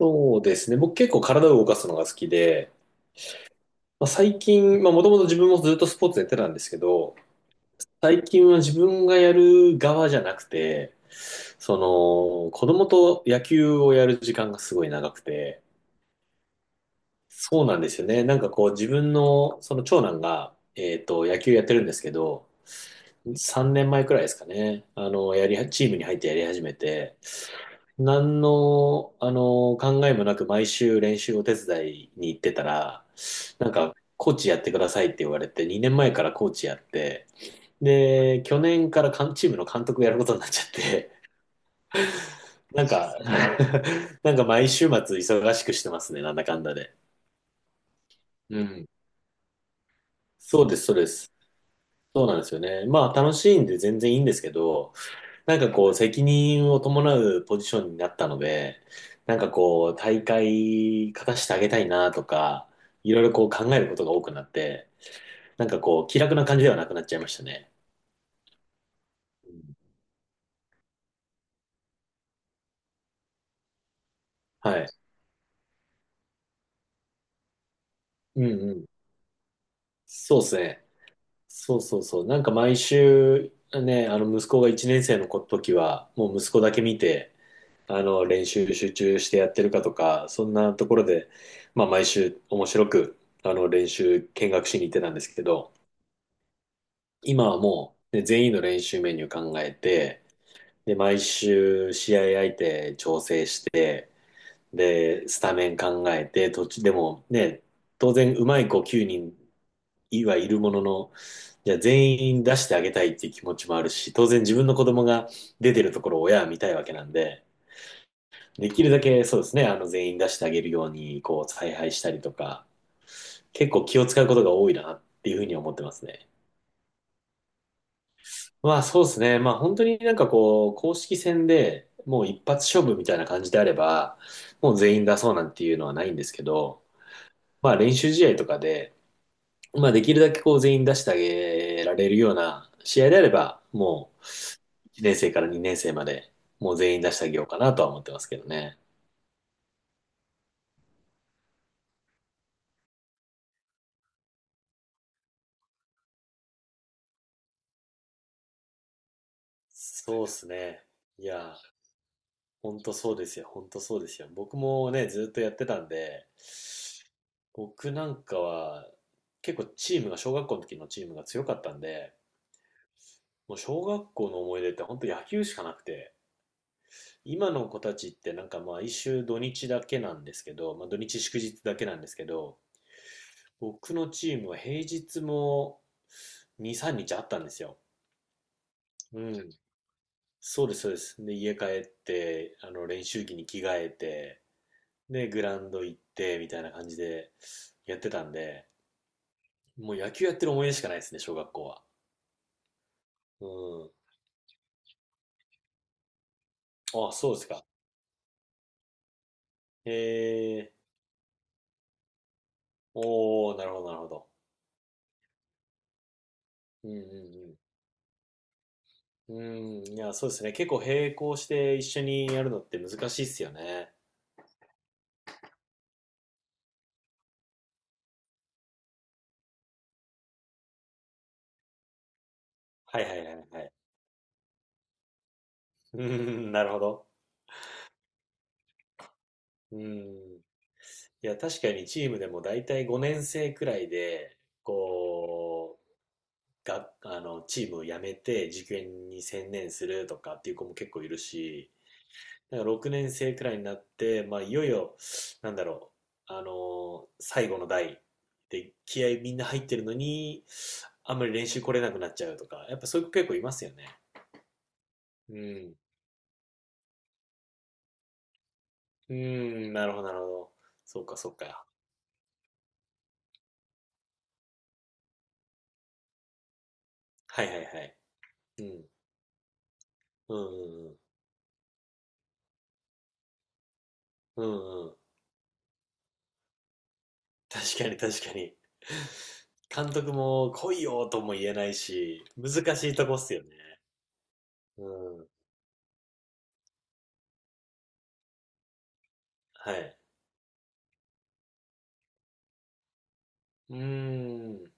そうですね。僕結構体を動かすのが好きで、まあ、最近、まあもともと自分もずっとスポーツやってたんですけど、最近は自分がやる側じゃなくて、その子供と野球をやる時間がすごい長くて、そうなんですよね。なんかこう自分のその長男が、野球やってるんですけど、3年前くらいですかね。やりは、チームに入ってやり始めて、何の考えもなく毎週練習を手伝いに行ってたら、なんか、コーチやってくださいって言われて、2年前からコーチやって、で、去年からかんチームの監督やることになっちゃって、なんか、なんか毎週末忙しくしてますね、なんだかんだで。うん。そうです、そうです。そうなんですよね。まあ、楽しいんで全然いいんですけど、なんかこう、責任を伴うポジションになったので、なんかこう、大会勝たせてあげたいなとか、いろいろこう考えることが多くなって、なんかこう、気楽な感じではなくなっちゃいましたね。うんはい。うんうん。そうですね。そうそうそう。なんか毎週、ね、息子が1年生の時は、もう息子だけ見て、練習集中してやってるかとか、そんなところで、まあ毎週面白く、練習見学しに行ってたんですけど、今はもう、ね、全員の練習メニュー考えて、で、毎週試合相手調整して、で、スタメン考えて、途中でもね、当然うまい子9人はいるものの、じゃあ全員出してあげたいっていう気持ちもあるし、当然自分の子供が出てるところを親は見たいわけなんで、できるだけそうですね、全員出してあげるように、こう、采配したりとか、結構気を使うことが多いなっていうふうに思ってますね。まあそうですね。まあ本当になんかこう、公式戦でもう一発勝負みたいな感じであれば、もう全員出そうなんていうのはないんですけど、まあ練習試合とかで、まあできるだけこう全員出してあげられるような試合であれば、もう1年生から2年生までもう全員出してあげようかなとは思ってますけどね。そうですね。いやー本当そうですよ。本当そうですよ。僕もね、ずっとやってたんで、僕なんかは結構チームが、小学校の時のチームが強かったんで、もう小学校の思い出って本当野球しかなくて、今の子たちってなんかまあ土日だけなんですけど、まあ土日祝日だけなんですけど、僕のチームは平日も2、3日あったんですよ。うん。そうです、そうです。で、家帰って、練習着に着替えて、で、グラウンド行って、みたいな感じでやってたんで、もう野球やってる思い出しかないですね、小学校は。うん。あ、そうですか。へえ。おー、なるほど、なるほど。うんうんうん。うん、いや、そうですね。結構並行して一緒にやるのって難しいっすよね。はいはいはいはい。うん、なるほど。うん。いや、確かにチームでも大体5年生くらいで、こう、が、あの、チームを辞めて受験に専念するとかっていう子も結構いるし、だから6年生くらいになって、まあ、いよいよ、なんだろ最後の代で気合みんな入ってるのに、あんまり練習来れなくなっちゃうとか、やっぱそういう子結構いますよね。うん。うーん、なるほど、なるほど。そうか、そうか。はいはいはい。うん。うん、うん、うん。うん確かに確かに。監督も来いよとも言えないし、難しいとこっすよね。うん。はい。うーん。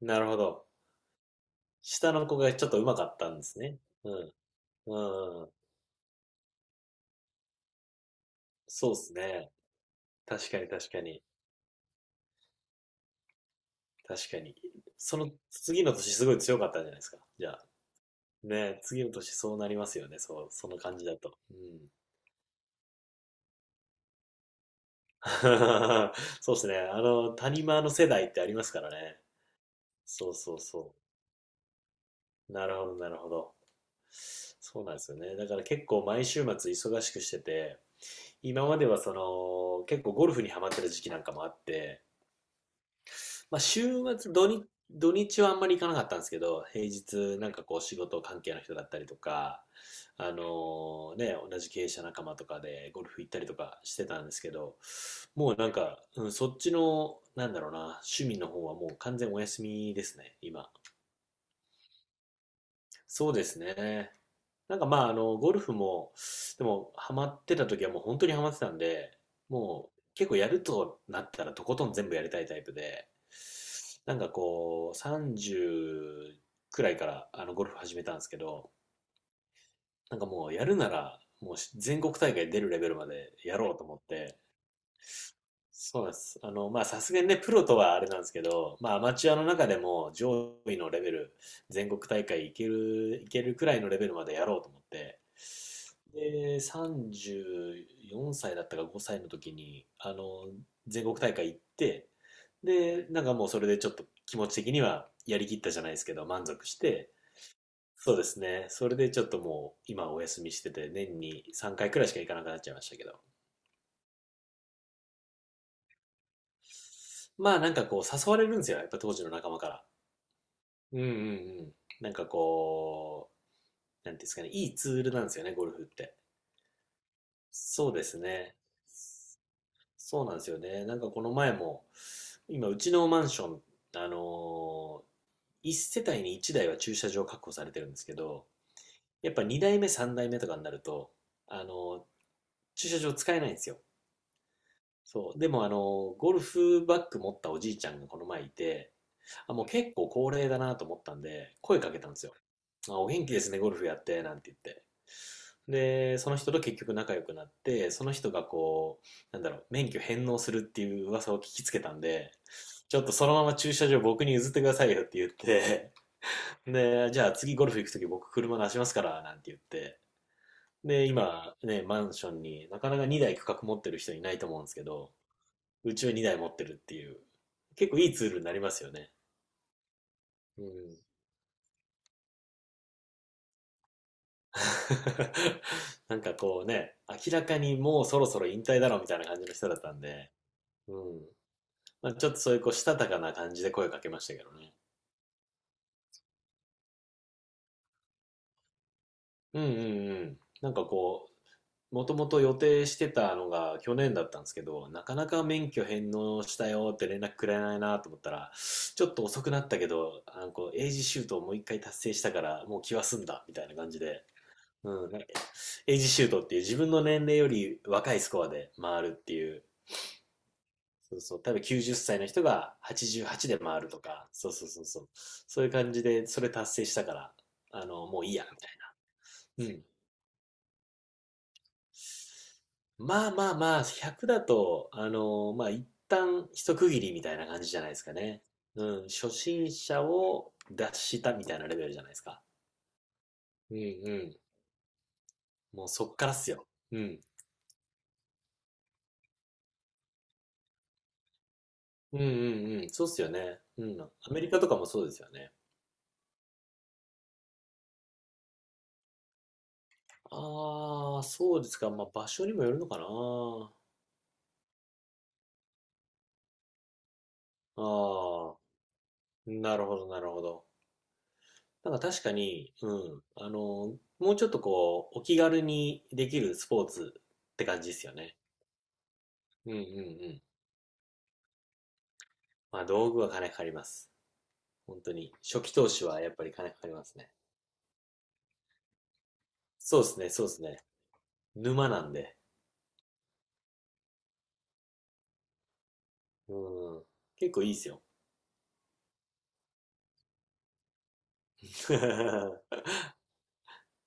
なるほど。下の子がちょっと上手かったんですね。うん。うん。そうっすね。確かに確かに。確かに。その次の年すごい強かったんじゃないですか。じゃあ。ね、次の年そうなりますよね。そう、その感じだと。うん。そうですね。谷間の世代ってありますからね。そうそうそう。なるほど、なるほど。そうなんですよね。だから結構毎週末忙しくしてて、今まではその結構ゴルフにハマってた時期なんかもあって、まあ週末土日、土日はあんまり行かなかったんですけど、平日なんかこう仕事関係の人だったりとか、あのね、同じ経営者仲間とかでゴルフ行ったりとかしてたんですけど、もうなんか、うん、そっちの、なんだろうな、趣味の方はもう完全お休みですね、今。そうですね。なんかまあ、ゴルフも、でも、ハマってた時はもう本当にハマってたんで、もう結構やるとなったらとことん全部やりたいタイプで、なんかこう、30くらいからゴルフ始めたんですけど、なんかもうやるなら、もう全国大会出るレベルまでやろうと思って、そうなんです。まあ、さすがにね、プロとはあれなんですけど、まあ、アマチュアの中でも上位のレベル、全国大会いける、いけるくらいのレベルまでやろうと思って、で、34歳だったか5歳の時に、全国大会行って、で、なんかもうそれでちょっと気持ち的にはやりきったじゃないですけど、満足して、そうですね。それでちょっともう今お休みしてて、年に3回くらいしか行かなくなっちゃいましたけど。まあなんかこう誘われるんですよ。やっぱ当時の仲間から。うんうんうん。なんかこう、なんていうんですかね、いいツールなんですよね、ゴルフって。そうですね。そうなんですよね。なんかこの前も、今、うちのマンション、あの1世帯に1台は駐車場確保されてるんですけど、やっぱ2台目、3台目とかになると、あのー、駐車場使えないんですよ。そう。でも、ゴルフバッグ持ったおじいちゃんがこの前いて、あ、もう結構高齢だなと思ったんで、声かけたんですよ。あお元気ですね、ゴルフやって、なんて言って。で、その人と結局仲良くなって、その人がこう、免許返納するっていう噂を聞きつけたんで、ちょっとそのまま駐車場僕に譲ってくださいよって言って、で、じゃあ次ゴルフ行くとき僕車出しますから、なんて言って。で、今ね、マンションになかなか2台区画持ってる人いないと思うんですけど、うちは2台持ってるっていう、結構いいツールになりますよね。うん。なんかこうね、明らかにもうそろそろ引退だろうみたいな感じの人だったんで、うん。まあ、ちょっとそういうこう、したたかな感じで声をかけましたけどね。うんうんうん。なんかこう、もともと予定してたのが去年だったんですけど、なかなか免許返納したよって連絡くれないなと思ったら、ちょっと遅くなったけど、エイジシュートをもう一回達成したから、もう気は済んだ、みたいな感じで。うん、なんかエイジシュートっていう自分の年齢より若いスコアで回るっていうそうそう。多分90歳の人が88で回るとか、そうそうそうそう。そういう感じで、それ達成したから、もういいや、みたいな。うん。まあまあまあ、100だと、まあ一旦一区切りみたいな感じじゃないですかね。うん。初心者を脱したみたいなレベルじゃないですか。うんうん。もうそっからっすよ。うん。うんうんうん。そうっすよね。うん。アメリカとかもそうですよね。ああ、そうですか。まあ場所にもよるのかな。ああ、なるほど、なるほど。なんか確かに、うん、もうちょっとこう、お気軽にできるスポーツって感じですよね。うんうんうん。まあ、道具は金かかります。本当に。初期投資はやっぱり金かかりますね。そうですね、そうですね。沼なんで。うん。結構いいですよ。